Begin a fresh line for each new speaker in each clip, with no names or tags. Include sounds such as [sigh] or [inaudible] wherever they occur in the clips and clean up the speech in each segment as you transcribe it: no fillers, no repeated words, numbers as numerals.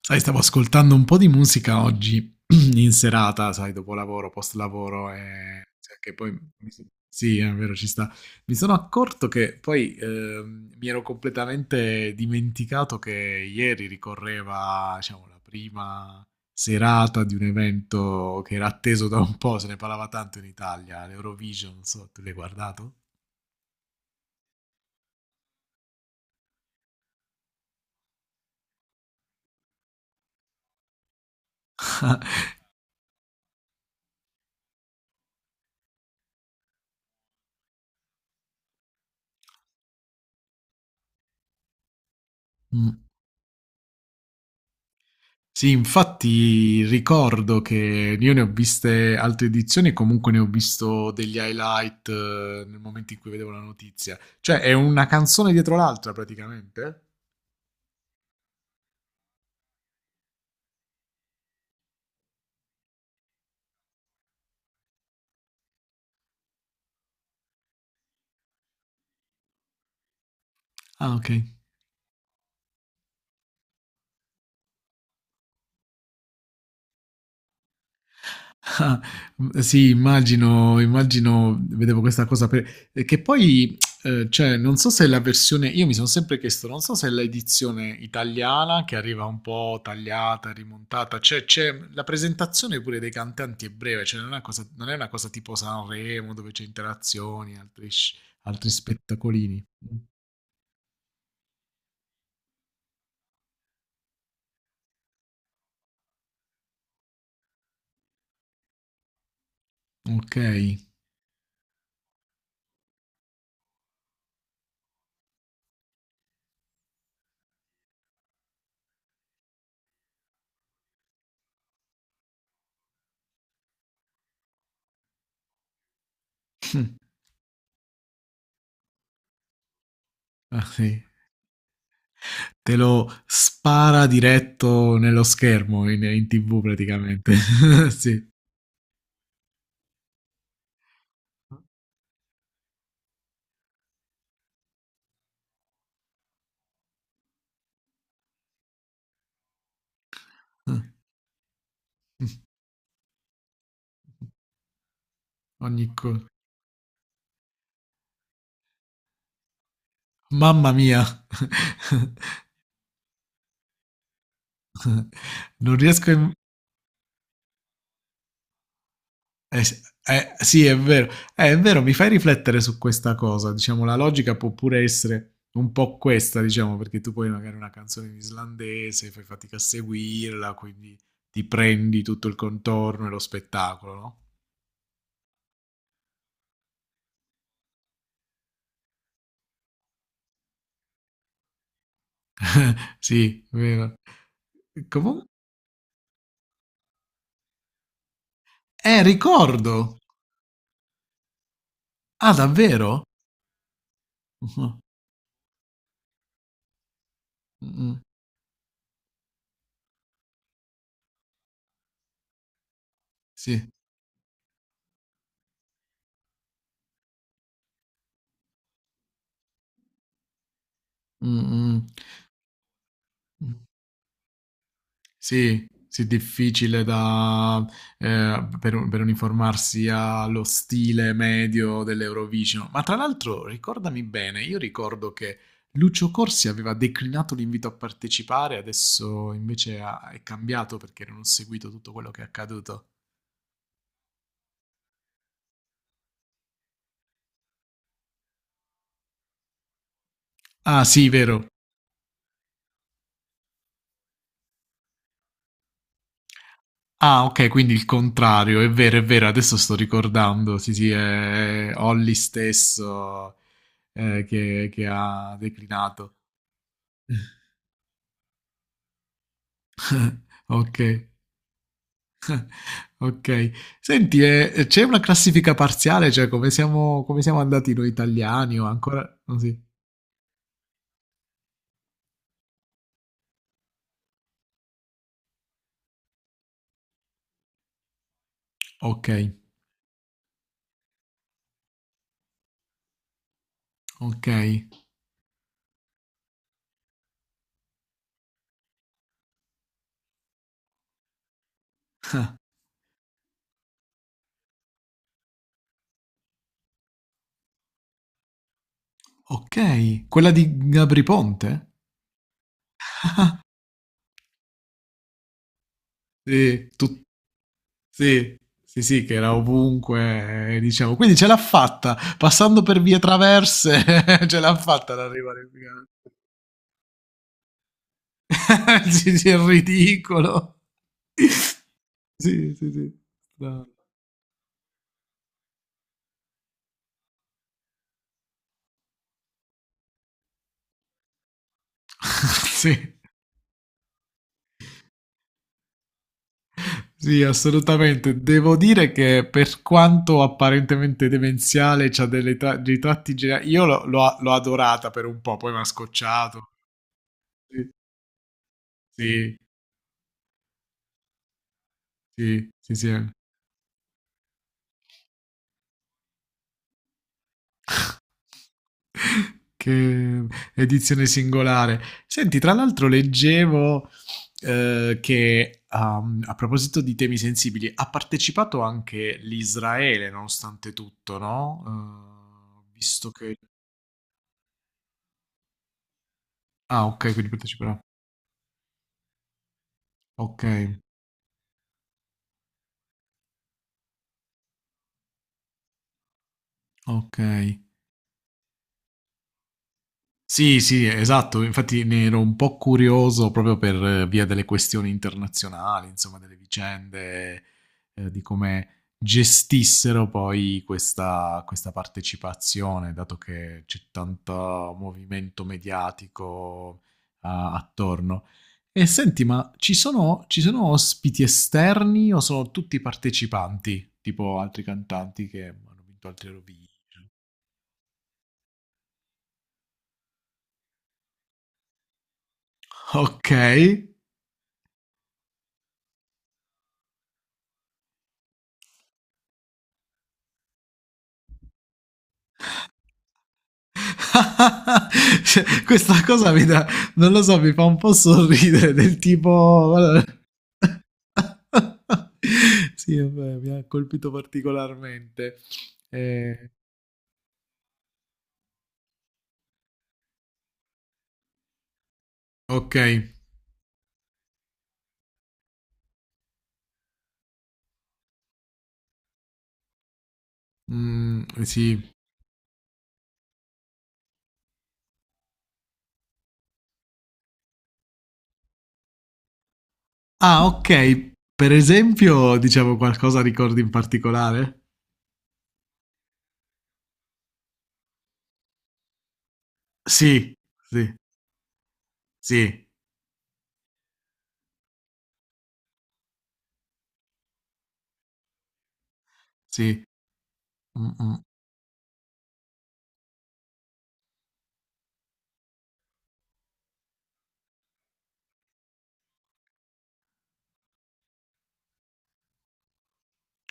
Sai, stavo ascoltando un po' di musica oggi [clears throat] in serata, sai, dopo lavoro, post lavoro e cioè, che poi sì, è vero, ci sta. Mi sono accorto che poi mi ero completamente dimenticato che ieri ricorreva, diciamo, la prima serata di un evento che era atteso da un po', se ne parlava tanto in Italia, l'Eurovision, non so, tu l'hai guardato? Mm. Sì, infatti ricordo che io ne ho viste altre edizioni e comunque ne ho visto degli highlight nel momento in cui vedevo la notizia. Cioè, è una canzone dietro l'altra praticamente? Ah, ok. Ah, sì, immagino, immagino, vedevo questa cosa per- che poi, cioè, non so se la versione, io mi sono sempre chiesto, non so se l'edizione italiana che arriva un po' tagliata, rimontata, cioè, c'è la presentazione pure dei cantanti è breve, cioè, non è una cosa tipo Sanremo dove c'è interazioni, altri spettacolini. Ok. [laughs] Ah, sì. Te lo spara diretto nello schermo in TV praticamente. [laughs] Sì. Mh, ogni co mamma mia. [laughs] non riesco a im s sì è vero. È vero, mi fai riflettere su questa cosa. Diciamo la logica può pure essere un po' questa, diciamo, perché tu poi magari una canzone in islandese, fai fatica a seguirla, quindi ti prendi tutto il contorno e lo spettacolo, no? [laughs] Sì, vero. E comu ricordo! Ah, davvero? [laughs] Mh-mh. Mh-mh. Sì. Mh-mh. Mh. Sì, sì, difficile da, per, un- per uniformarsi allo stile medio dell'Eurovision. Ma tra l'altro, ricordami bene, io ricordo che Lucio Corsi aveva declinato l'invito a partecipare, adesso invece è cambiato perché non ho seguito tutto quello che è accaduto. Ah, sì, vero. Ah, ok, quindi il contrario, è vero, adesso sto ricordando. Sì, sì, è Olli stesso che ha declinato. [laughs] Ok. Ok, senti, c'è una classifica parziale, cioè come siamo andati noi italiani o ancora... non si- Ok, ok, ok. Quella di Gabri Ponte? Sì, tu- sì, sì, sì, che era ovunque, diciamo. Quindi ce l'ha fatta, passando per vie traverse, [laughs] ce l'ha fatta ad arrivare in finale. [laughs] Sì, sì, è ridicolo. [laughs] Sì, sì, sì. No. [laughs] Sì. Sì, assolutamente. Devo dire che per quanto apparentemente demenziale, c'ha dei tratti geniali. Io l'ho adorata per un po', poi mi ha scocciato. Sì, sì, sì, sì. Sì. [laughs] Che edizione singolare. Senti, tra l'altro leggevo che um, a proposito di temi sensibili, ha partecipato anche l'Israele, nonostante tutto, no? Visto che... Ah, ok, quindi parteciperà. Ok. Okay. Sì, sì, esatto. Infatti ne ero un po' curioso proprio per via delle questioni internazionali, insomma, delle vicende, di come gestissero poi questa partecipazione, dato che c'è tanto movimento mediatico a attorno. E senti, ma ci sono ospiti esterni o sono tutti partecipanti, tipo altri cantanti che hanno vinto altri Eurovision? Okay. [laughs] Questa cosa mi dà, non lo so, mi fa un po' sorridere del tipo... [laughs] sì, vabbè, mi ha colpito particolarmente. Eh, ok, mm, sì. Ah, ok, per esempio, diciamo qualcosa ricordi in particolare? Sì, sì, sì, sì. Mm, mm.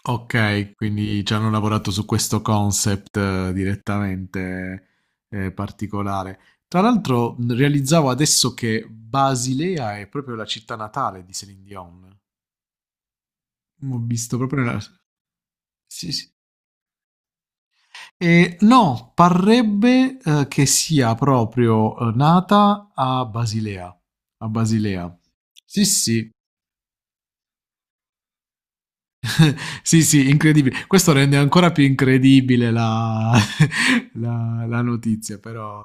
Okay, quindi ci hanno lavorato su questo concept, direttamente, particolare. Tra l'altro, realizzavo adesso che Basilea è proprio la città natale di Céline Dion. Mhmm, ho visto proprio nella s sì, sì. No, parrebbe, che sia proprio, nata a Basilea a Basilea. Sì, sì. [laughs] Sì, sì, incredibile. Questo rende ancora più incredibile la [laughs] la notizia, però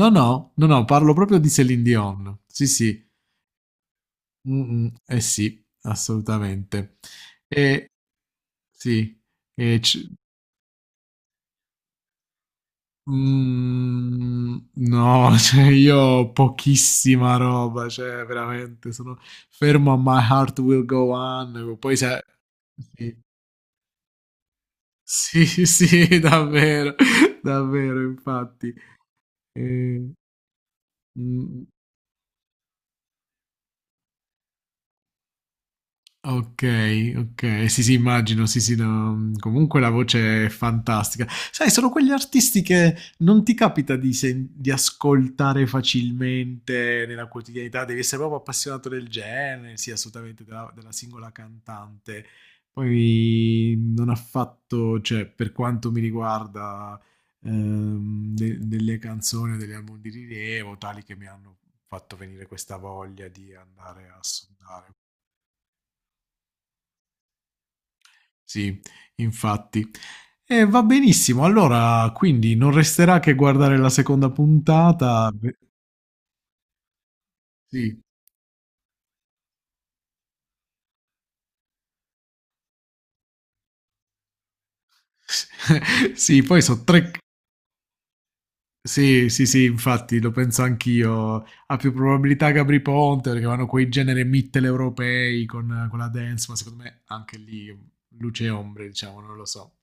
no, no, no, no, parlo proprio di Céline Dion. Sì, sì. Mm, mm, eh sì, assolutamente. E sì, e c- mm, no, [laughs] cioè io ho pochissima roba, cioè veramente sono fermo a My Heart Will Go On, poi se... Sì, sì, [laughs] sì, davvero, davvero, infatti. Eh, mm. Ok, ok, sì, sì, immagino, sì, sì, no, comunque la voce è fantastica. Sai, sono quegli artisti che non ti capita di ascoltare facilmente nella quotidianità, devi essere proprio appassionato del genere, sì, assolutamente, della singola cantante. Poi non ha fatto, cioè, per quanto mi riguarda, delle canzoni o degli album di rilievo, tali che mi hanno fatto venire questa voglia di andare a sondare. Sì, infatti. E va benissimo, allora quindi non resterà che guardare la seconda puntata. Beh, sì, [laughs] sì, poi sono tre... Sì, sì, sì, infatti lo penso anch'io. Ha più probabilità Gabri Ponte perché vanno quei generi mitteleuropei con la dance, ma secondo me anche lì luce e ombre, diciamo, non lo so.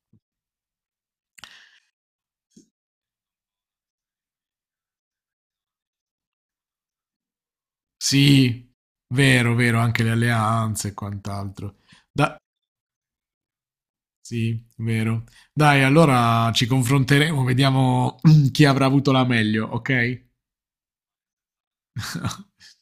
Sì, vero, vero, anche le alleanze e quant'altro. Da... Sì, vero. Dai, allora ci confronteremo, vediamo [clears throat] chi avrà avuto la meglio, ok? [laughs]